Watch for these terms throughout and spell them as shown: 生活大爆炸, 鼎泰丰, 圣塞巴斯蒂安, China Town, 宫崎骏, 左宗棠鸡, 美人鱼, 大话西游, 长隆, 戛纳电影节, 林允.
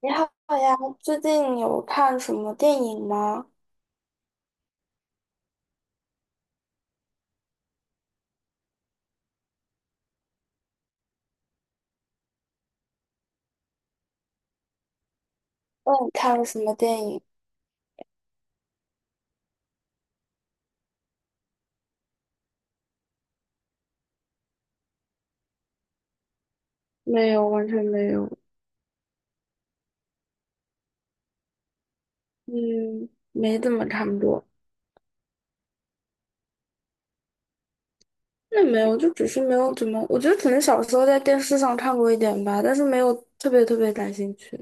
你好呀，最近有看什么电影吗？问你看了什么电影？没有，完全没有。嗯，没怎么，差不多。那没有，就只是没有怎么。我觉得可能小时候在电视上看过一点吧，但是没有特别特别感兴趣。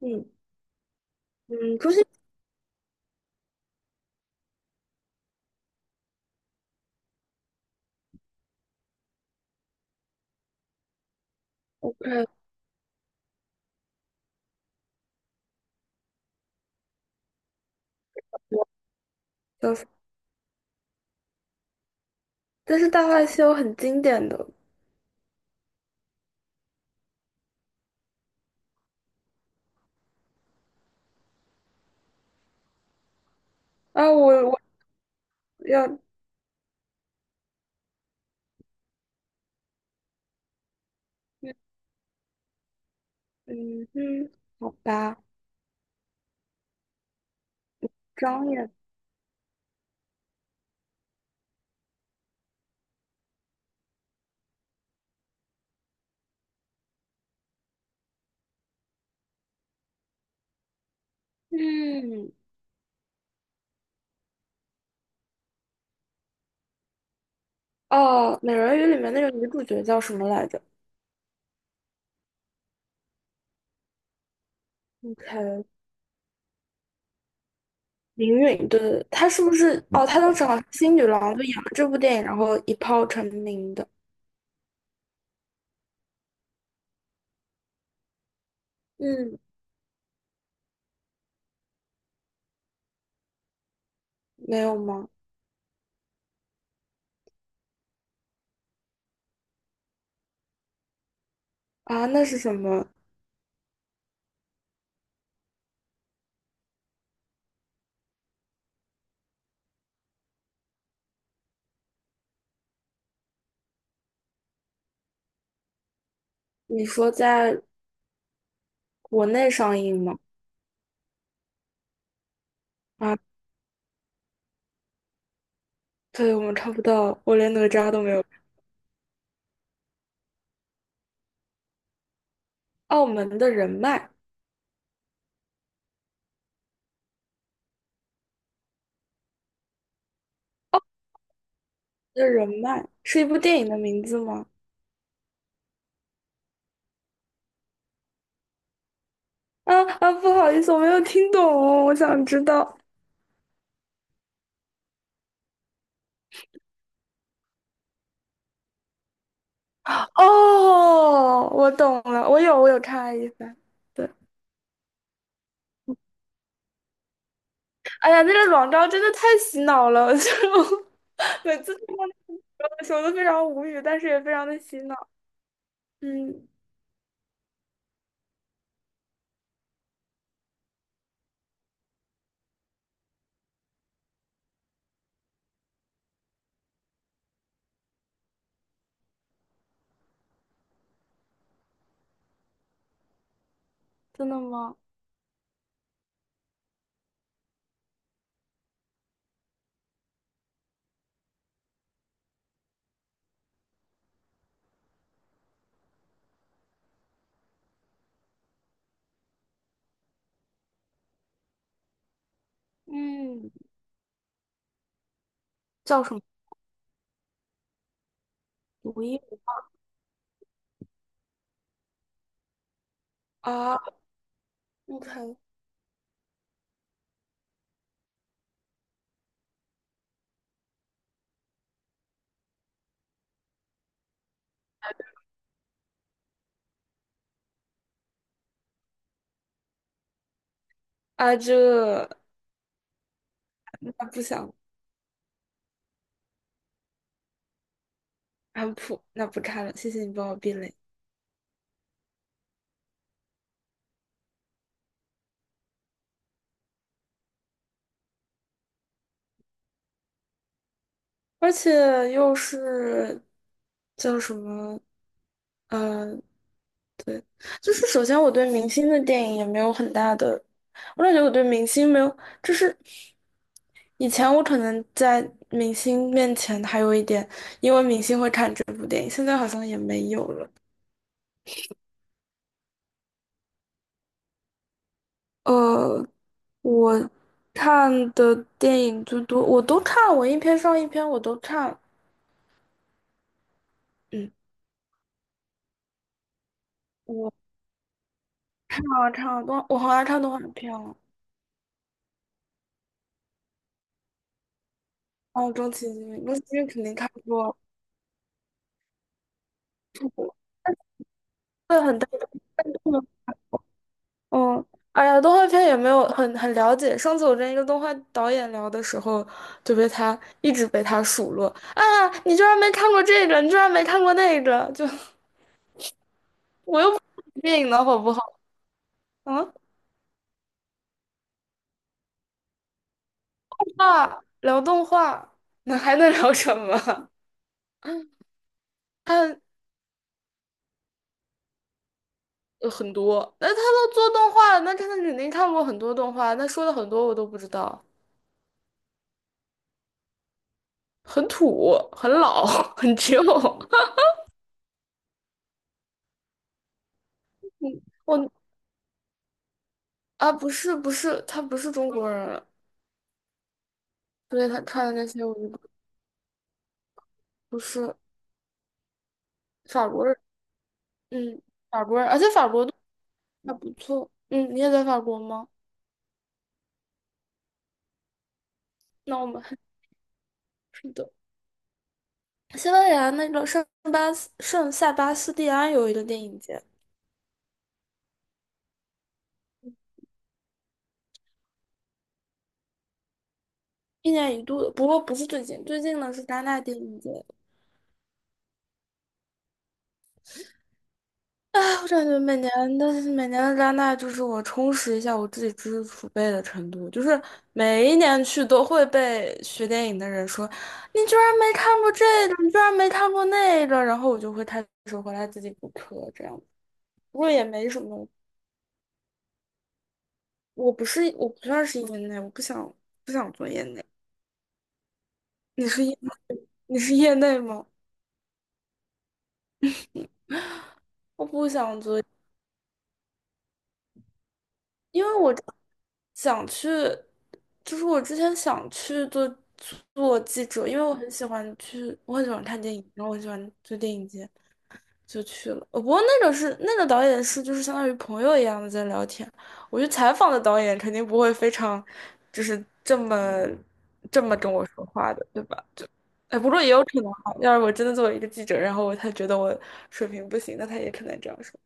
嗯嗯，不是。 OK。我就是，但是《大话西游》很经典的。啊，我要。嗯嗯，好吧。张也。嗯。哦，《美人鱼》里面那个女主角叫什么来着？OK。林允，对对对，她是不是？哦，她当时好像是新女郎，就演了这部电影，然后一炮成名的。嗯，没有吗？啊，那是什么？你说在国内上映吗？啊，对，我们看不到，我连哪吒都没有。澳门的人脉。澳门的人脉是一部电影的名字吗？啊啊，不好意思，我没有听懂哦，我想知道。哦，我懂了，我有看爱一番。对。哎呀，那个广告真的太洗脑了，就 每次听到那个广告的时候都非常无语，但是也非常的洗脑。嗯，真的吗？嗯，叫什么？毒液啊？OK。啊，这那不想。啊普，那不看了，谢谢你帮我避雷。而且又是叫什么？嗯。对，就是首先我对明星的电影也没有很大的，我感觉我对明星没有，就是以前我可能在明星面前还有一点，因为明星会看这部电影，现在好像也没有了。呃，我看的电影最多，我都看，我一篇上一篇我都看。嗯，我我好爱看动画片哦。哦，宫崎骏，宫崎骏肯定看过。对，很大。哦，哎呀，动画片也没有很了解。上次我跟一个动画导演聊的时候，就被他一直被他数落。啊，你居然没看过这个，你居然没看过那个，就 电影能好不好？啊。啊，聊动画，那还能聊什么？看很多，那他都做动画了，那他肯定看过很多动画，那说的很多我都不知道。很土，很老，很旧。我啊，不是不是，他不是中国人，所以他看的那些我就不，不是，法国人。嗯，法国人，而且法国都还不错。嗯，你也在法国吗？那我们还是的。西班牙那个圣塞巴斯蒂安有一个电影节。一年一度的，不过不是最近，最近呢是戛纳电影节。啊，我感觉每年的加拿大就是我充实一下我自己知识储备的程度，就是每一年去都会被学电影的人说，你居然没看过这个，你居然没看过那个，然后我就会开始回来自己补课，这样，不过也没什么。我不是，我不算是业内，我不想做业内。你是业你是业内吗？我不想做。因为我想去，就是我之前想去做记者，因为我很喜欢去，我很喜欢看电影，然后我很喜欢做电影节，就去了。不过那个是那个导演是就是相当于朋友一样的在聊天。我去采访的导演肯定不会非常就是这么跟我说话的，对吧？就哎，不过也有可能哈，要是我真的作为一个记者，然后他觉得我水平不行，那他也可能这样说。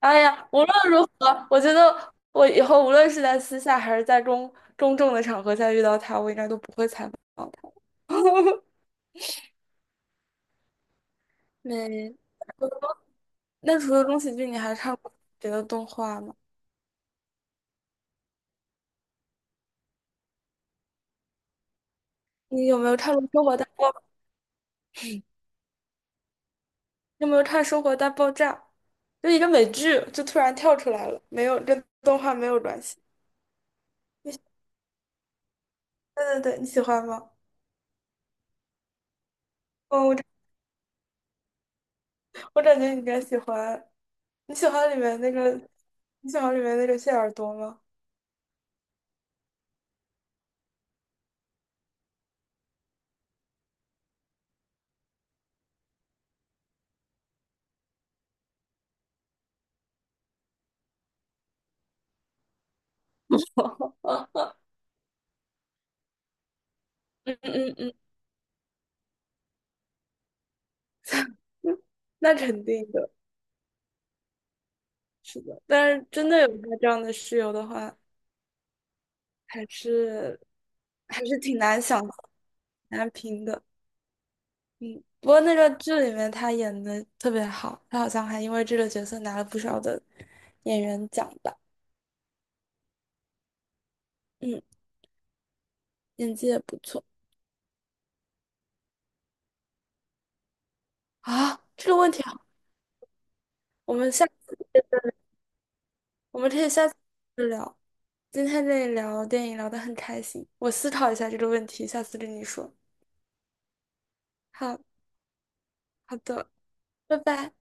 哎呀，无论如何，我觉得我以后无论是在私下还是在公众的场合下遇到他，我应该都不会采访他。没，那除了宫崎骏，你还看过别的动画吗？你有没有看过《生活大爆》？有没有看《生活大爆炸》？就一个美剧，就突然跳出来了，没有跟动画没有关系。你喜对对对，你喜欢吗？嗯，我感觉你应该喜欢。你喜欢里面那个，你喜欢里面那个谢耳朵吗？嗯嗯嗯嗯，那肯定的。是的，但是真的有个这样的室友的话，还是还是挺难想、挺难评的。嗯，不过那个剧里面他演的特别好，他好像还因为这个角色拿了不少的演员奖吧。嗯，演技也不错啊。这个问题好，我们下次我们可以下次再聊。今天这里聊电影聊得很开心，我思考一下这个问题，下次跟你说。好，好的，拜拜。